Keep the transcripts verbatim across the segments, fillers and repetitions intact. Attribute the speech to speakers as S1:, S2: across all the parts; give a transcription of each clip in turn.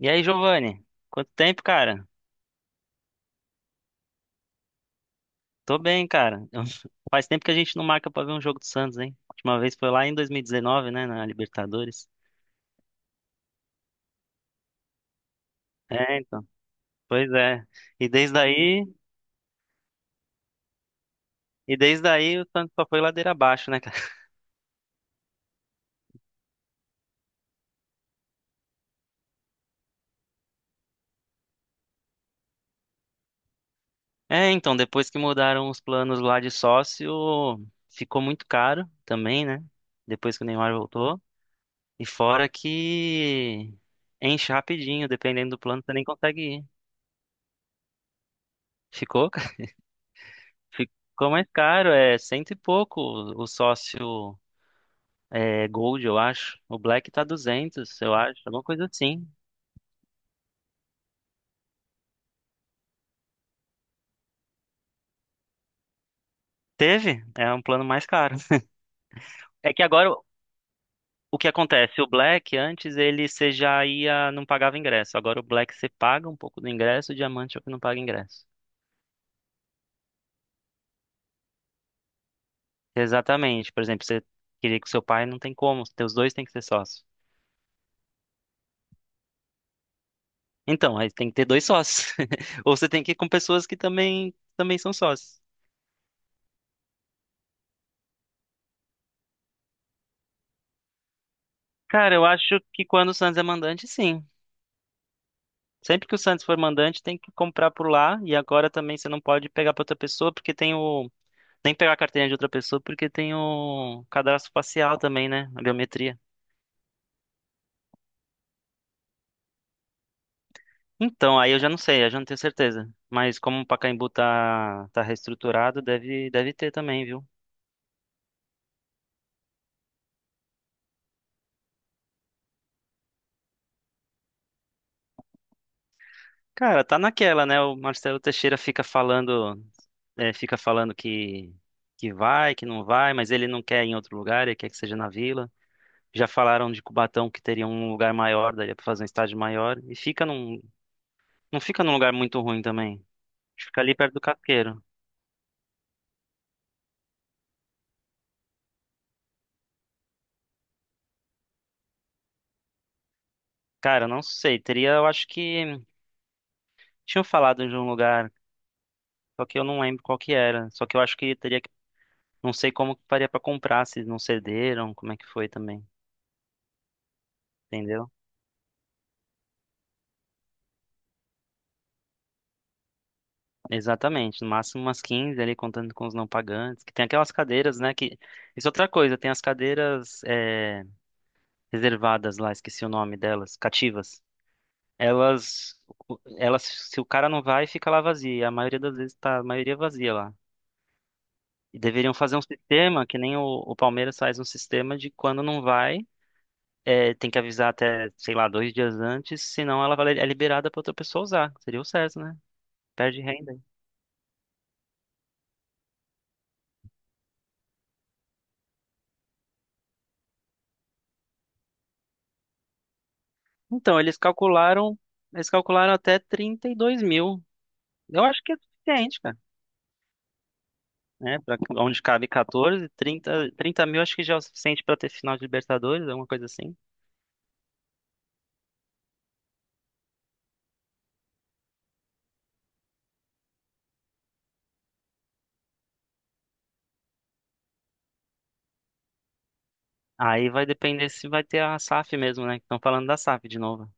S1: E aí, Giovanni? Quanto tempo, cara? Tô bem, cara. Eu- Faz tempo que a gente não marca pra ver um jogo do Santos, hein? A última vez foi lá em dois mil e dezenove, né, na Libertadores. É, então. Pois é. E desde aí, e desde aí o Santos só foi ladeira abaixo, né, cara? É, então, depois que mudaram os planos lá de sócio, ficou muito caro também, né? Depois que o Neymar voltou. E fora que enche rapidinho, dependendo do plano, você nem consegue ir. Ficou? Ficou mais caro, é cento e pouco o o sócio é, Gold, eu acho. O Black tá duzentos, eu acho, alguma coisa assim. Teve, é um plano mais caro. É que agora o o que acontece? O Black, antes ele você já ia, não pagava ingresso. Agora o Black você paga um pouco do ingresso, o Diamante é o que não paga ingresso. Exatamente, por exemplo, você queria que seu pai, não tem como, teus dois têm que ser sócios. Então, aí tem que ter dois sócios. Ou você tem que ir com pessoas que também, também são sócios. Cara, eu acho que quando o Santos é mandante, sim. Sempre que o Santos for mandante, tem que comprar por lá. E agora também você não pode pegar para outra pessoa, porque tem o. Nem pegar a carteirinha de outra pessoa, porque tem o cadastro facial também, né? A biometria. Então, aí eu já não sei, eu já não tenho certeza. Mas como o Pacaembu tá, tá reestruturado, deve, deve ter também, viu? Cara, tá naquela, né? O Marcelo Teixeira fica falando, é, fica falando que, que vai, que não vai, mas ele não quer ir em outro lugar, ele quer que seja na Vila. Já falaram de Cubatão que teria um lugar maior, daria pra fazer um estádio maior. E fica num. Não fica num lugar muito ruim também. Fica ali perto do Casqueiro. Cara, não sei. Teria, eu acho que. Tinham falado de um lugar, só que eu não lembro qual que era. Só que eu acho que teria que. Não sei como que faria pra comprar, se não cederam, como é que foi também. Entendeu? Exatamente. No máximo umas quinze ali, contando com os não pagantes. Que tem aquelas cadeiras, né? Que... Isso é outra coisa, tem as cadeiras eh, reservadas lá, esqueci o nome delas, cativas. Elas, elas, se o cara não vai, fica lá vazia. E a maioria das vezes tá a maioria vazia lá. E deveriam fazer um sistema, que nem o, o Palmeiras faz um sistema de quando não vai, é, tem que avisar até, sei lá, dois dias antes, senão ela vai- é liberada para outra pessoa usar. Seria o certo, né? Perde renda. Então, eles calcularam, eles calcularam até trinta e dois mil. Eu acho que é suficiente, cara. Né? Pra onde cabe catorze, trinta trinta mil acho que já é o suficiente para ter final de Libertadores, alguma coisa assim. Aí vai depender se vai ter a S A F mesmo, né? Estão falando da S A F de novo.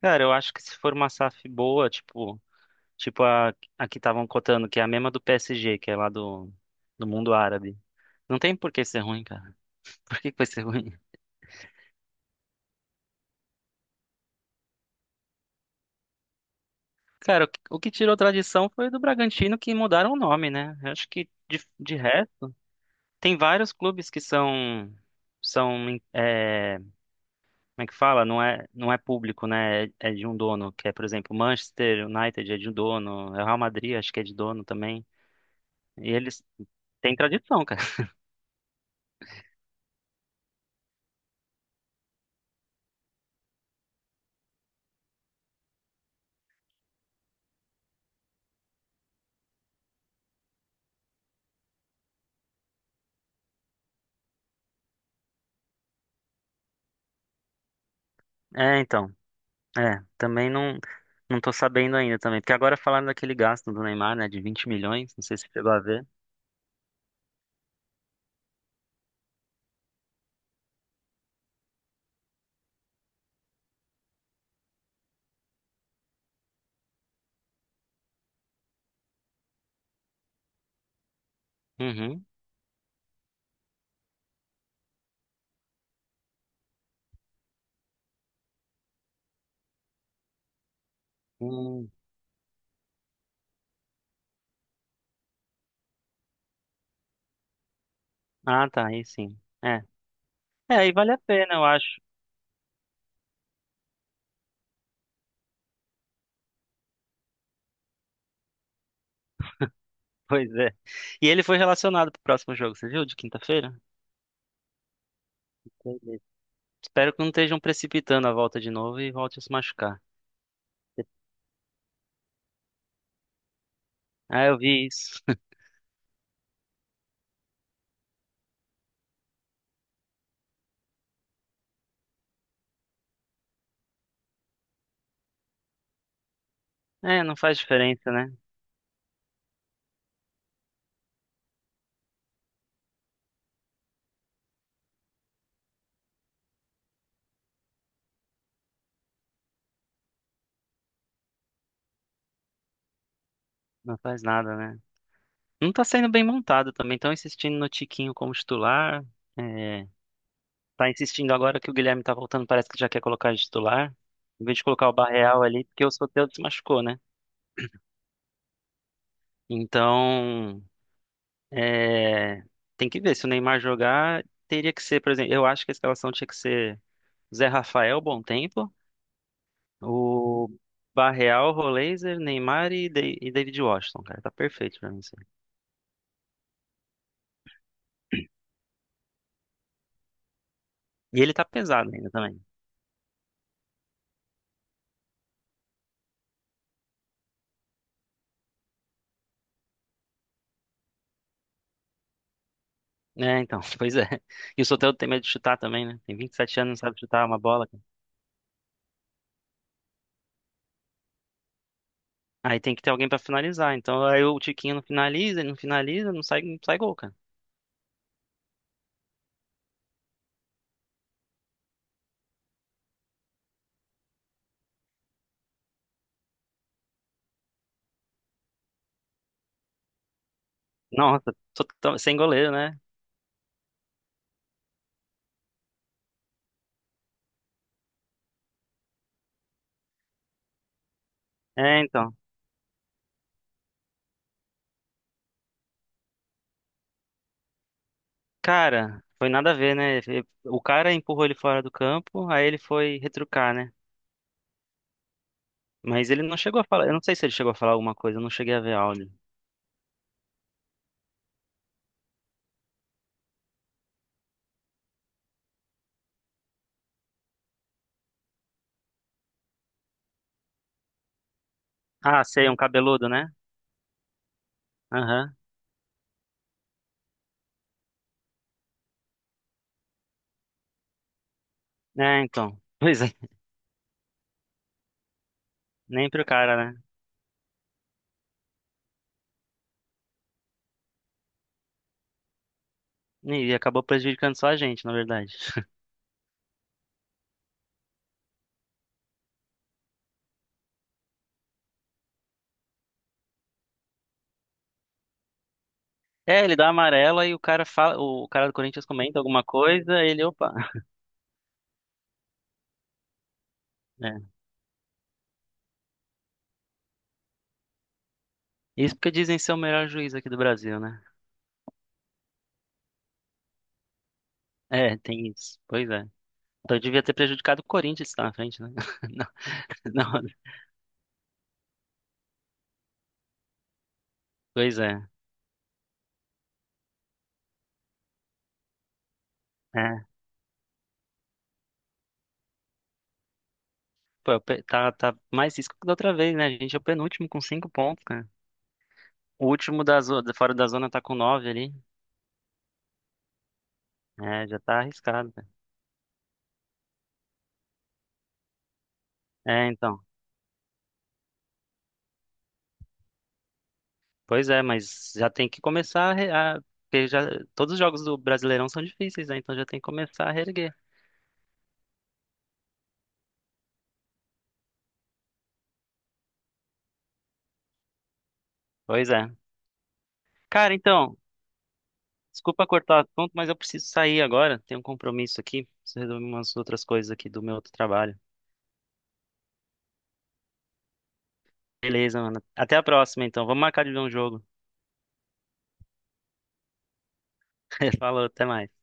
S1: Cara, eu acho que se for uma S A F boa, tipo, tipo a, a que estavam cotando, que é a mesma do P S G, que é lá do, do mundo árabe. Não tem por que ser ruim, cara. Por que que vai ser ruim? Cara, o que, o que tirou tradição foi do Bragantino que mudaram o nome, né? Eu acho que de, de resto, tem vários clubes que são, são é, como é que fala? Não é, não é público, né? É, é de um dono, que é, por exemplo, Manchester United é de um dono, é o Real Madrid, acho que é de dono também. E eles têm tradição, cara. É, então. É, também não não tô sabendo ainda também, porque agora falaram daquele gasto do Neymar, né, de vinte milhões, não sei se você chegou a ver. Uhum. Hum. Ah, tá, aí sim. É. É, aí vale a pena, eu acho. Pois é. E ele foi relacionado pro próximo jogo, você viu? De quinta-feira? Entendi. Espero que não estejam precipitando a volta de novo e volte a se machucar. Ah, eu vi isso. É, não faz diferença, né? Não faz nada, né? Não tá sendo bem montado também. Estão insistindo no Tiquinho como titular. É, tá insistindo agora que o Guilherme tá voltando, parece que já quer colocar de titular. Em vez de colocar o Barreal ali, porque o Soteldo se machucou, né? Então, é, tem que ver. Se o Neymar jogar, teria que ser, por exemplo, eu acho que a escalação tinha que ser Zé Rafael, bom tempo, o Barreal, Roleiser, Neymar e, Da- e David Washington, cara. Tá perfeito pra mim. E ele tá pesado ainda também. É, então, pois é. E o Soteldo tem medo de chutar também, né? Tem vinte e sete anos, não sabe chutar é uma bola, cara. Aí tem que ter alguém pra finalizar. Então, aí o Tiquinho não finaliza, ele não finaliza, não sai, não sai gol, cara. Nossa, tô tão- sem goleiro, né? É, então. Cara, foi nada a ver, né? O cara empurrou ele fora do campo, aí ele foi retrucar, né? Mas ele não chegou a falar. Eu não sei se ele chegou a falar alguma coisa, eu não cheguei a ver áudio. Ah, sei, um cabeludo, né? Aham. É, então. Pois é, nem pro cara, né? E acabou prejudicando só a gente, na verdade. É, ele dá amarela e o cara fala, o cara do Corinthians comenta alguma coisa, ele, opa. É. Isso porque dizem ser o melhor juiz aqui do Brasil, né? É, tem isso. Pois é. Então devia ter prejudicado o Corinthians que tá na frente, né? Não, não. Pois é. É. Pô, pe- tá, tá mais isso que da outra vez, né? A gente é o penúltimo com cinco pontos, cara. O último da zona, fora da zona tá com nove ali. É, já tá arriscado, cara. É, então. Pois é, mas já tem que começar a, re- a- porque já todos os jogos do Brasileirão são difíceis, né? Então já tem que começar a reerguer. Pois é. Cara, então, desculpa cortar o assunto, mas eu preciso sair agora. Tenho um compromisso aqui. Preciso resolver umas outras coisas aqui do meu outro trabalho. Beleza, mano. Até a próxima, então. Vamos marcar de ver um jogo. Falou, até mais.